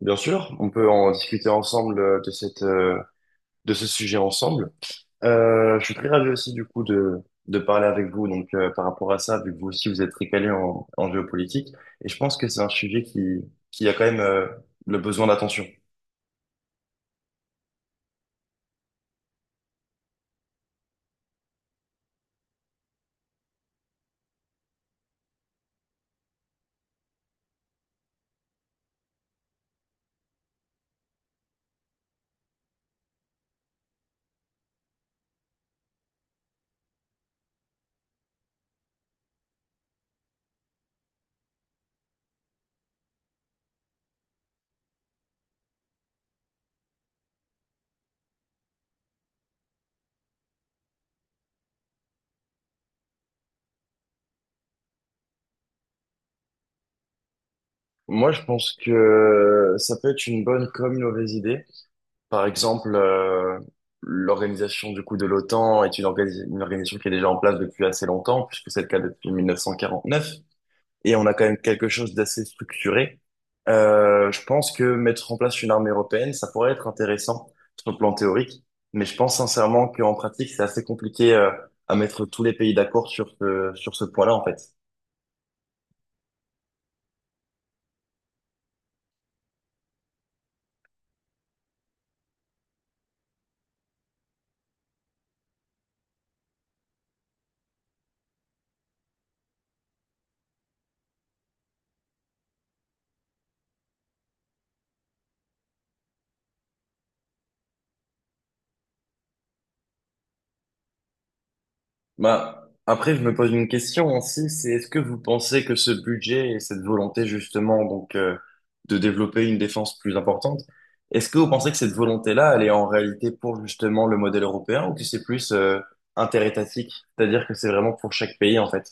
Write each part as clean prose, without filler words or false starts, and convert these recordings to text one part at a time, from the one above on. Bien sûr, on peut en discuter ensemble de de ce sujet ensemble. Je suis très ravi aussi du coup de parler avec vous donc par rapport à ça, vu que vous aussi vous êtes très calé en géopolitique, et je pense que c'est un sujet qui a quand même le besoin d'attention. Moi, je pense que ça peut être une bonne comme une mauvaise idée. Par exemple, l'organisation du coup de l'OTAN est une organisation qui est déjà en place depuis assez longtemps, puisque c'est le cas depuis 1949. Et on a quand même quelque chose d'assez structuré. Je pense que mettre en place une armée européenne, ça pourrait être intéressant sur le plan théorique, mais je pense sincèrement qu'en pratique, c'est assez compliqué à mettre tous les pays d'accord sur sur ce point-là, en fait. Bah, après, je me pose une question aussi, c'est est-ce que vous pensez que ce budget et cette volonté justement donc de développer une défense plus importante, est-ce que vous pensez que cette volonté-là, elle est en réalité pour justement le modèle européen ou que c'est plus interétatique, c'est-à-dire que c'est vraiment pour chaque pays en fait?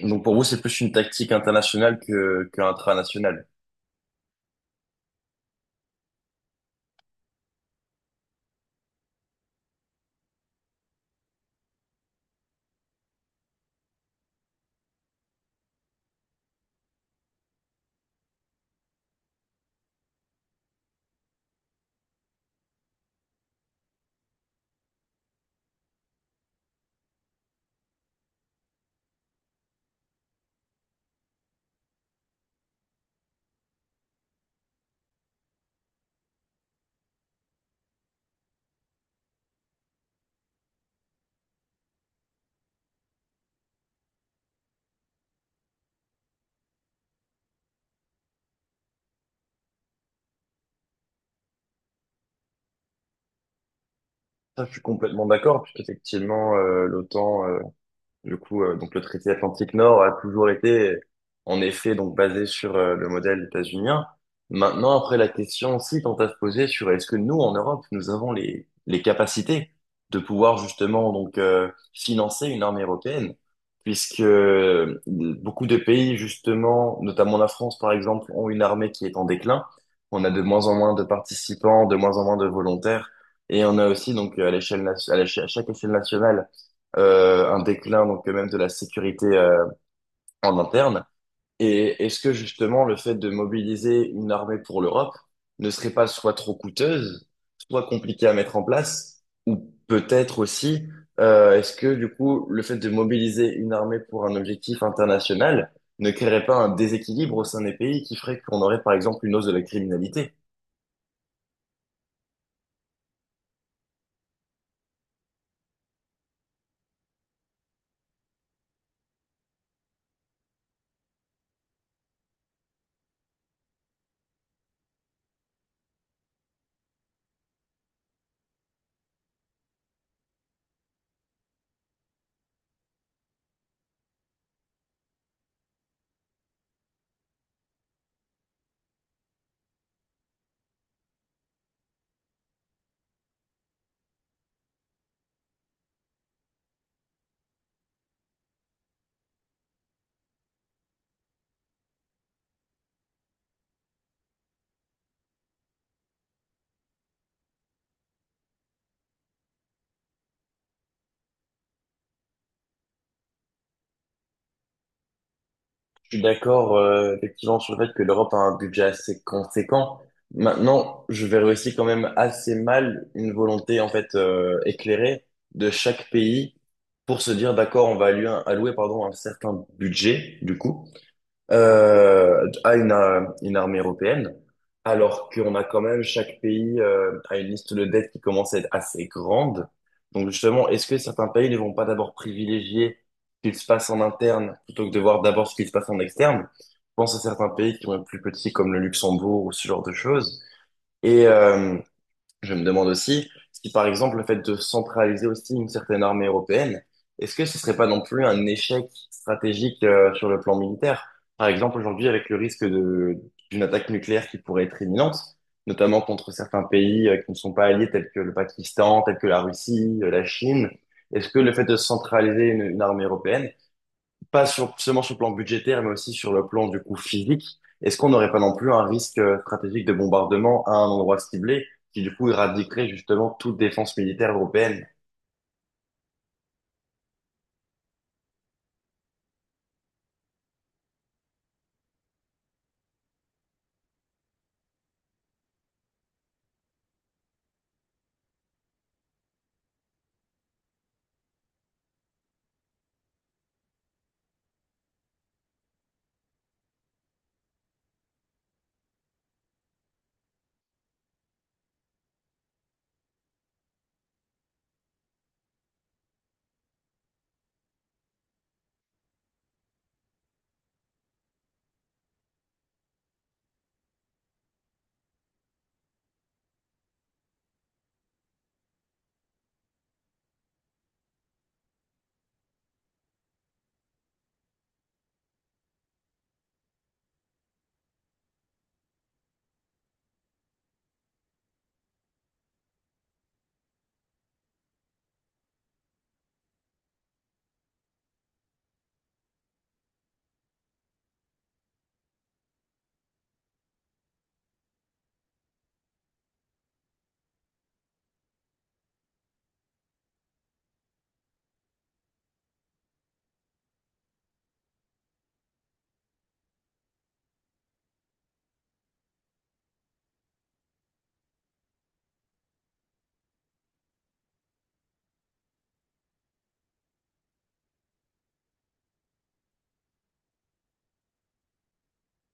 Donc pour vous, c'est plus une tactique internationale que intranationale. Ça, je suis complètement d'accord, puisqu'effectivement, l'OTAN du coup, donc le traité atlantique Nord a toujours en effet, donc basé sur le modèle états-unien. Maintenant, après, la question aussi tente à se poser sur est-ce que nous, en Europe, nous avons les capacités de pouvoir justement donc financer une armée européenne, puisque beaucoup de pays, justement, notamment la France, par exemple, ont une armée qui est en déclin. On a de moins en moins de participants, de moins en moins de volontaires, et on a aussi donc à l'échelle, nation- à l'éche- à chaque échelle nationale un déclin donc même de la sécurité en interne. Et est-ce que justement le fait de mobiliser une armée pour l'Europe ne serait pas soit trop coûteuse, soit compliquée à mettre en place, ou peut-être aussi est-ce que du coup le fait de mobiliser une armée pour un objectif international ne créerait pas un déséquilibre au sein des pays qui ferait qu'on aurait par exemple une hausse de la criminalité? Je suis d'accord, effectivement, sur le fait que l'Europe a un budget assez conséquent. Maintenant, je verrais aussi quand même assez mal une volonté, en fait, éclairée de chaque pays pour se dire, d'accord, on va allouer, pardon, un certain budget, du coup à une armée européenne, alors qu'on a quand même chaque pays a une liste de dettes qui commence à être assez grande. Donc justement, est-ce que certains pays ne vont pas d'abord privilégier ce qu'il se passe en interne plutôt que de voir d'abord ce qui se passe en externe? Je pense à certains pays qui sont plus petits comme le Luxembourg ou ce genre de choses. Et, euh, je me demande aussi si, par exemple, le fait de centraliser aussi une certaine armée européenne, est-ce que ce serait pas non plus un échec stratégique sur le plan militaire? Par exemple, aujourd'hui, avec le risque d'une attaque nucléaire qui pourrait être imminente, notamment contre certains pays qui ne sont pas alliés, tels que le Pakistan, tels que la Russie, la Chine, est-ce que le fait de centraliser une armée européenne, pas sur, seulement sur le plan budgétaire, mais aussi sur le plan du coût physique. Est-ce qu'on n'aurait pas non plus un risque stratégique de bombardement à un endroit ciblé qui du coup éradiquerait justement toute défense militaire européenne?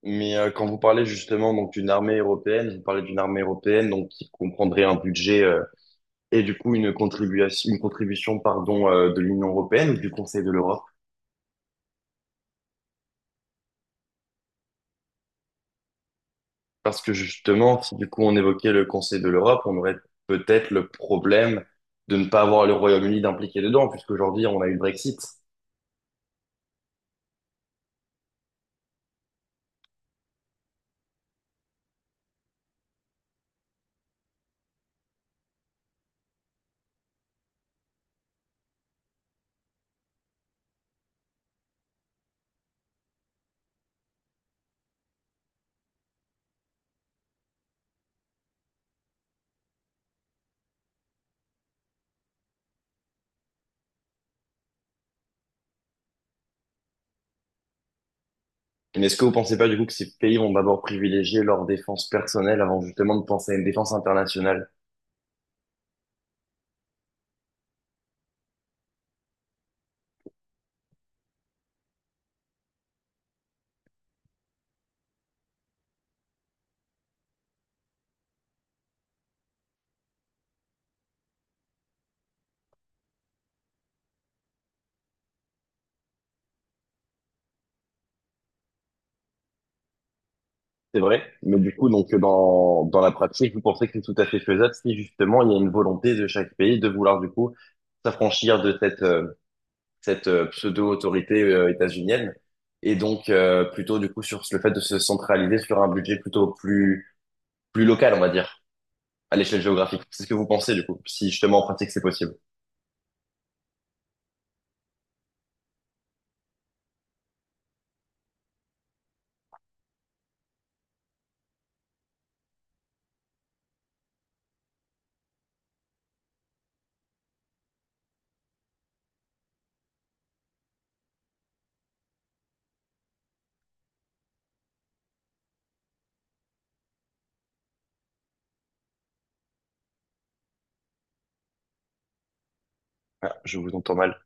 Mais quand vous parlez justement donc d'une armée européenne, vous parlez d'une armée européenne donc qui comprendrait un budget et du coup une contribution pardon de l'Union européenne ou du Conseil de l'Europe. Parce que justement, si du coup on évoquait le Conseil de l'Europe, on aurait peut-être le problème de ne pas avoir le Royaume-Uni d'impliquer dedans, puisqu'aujourd'hui on a eu le Brexit. Mais est-ce que vous pensez pas du coup que ces pays vont d'abord privilégier leur défense personnelle avant justement de penser à une défense internationale? C'est vrai, mais du coup, donc dans la pratique, vous pensez que c'est tout à fait faisable si justement il y a une volonté de chaque pays de vouloir du coup s'affranchir de cette pseudo-autorité états-unienne et donc plutôt du coup sur le fait de se centraliser sur un budget plus local, on va dire, à l'échelle géographique. C'est ce que vous pensez du coup, si justement en pratique c'est possible. Ah, je vous entends mal.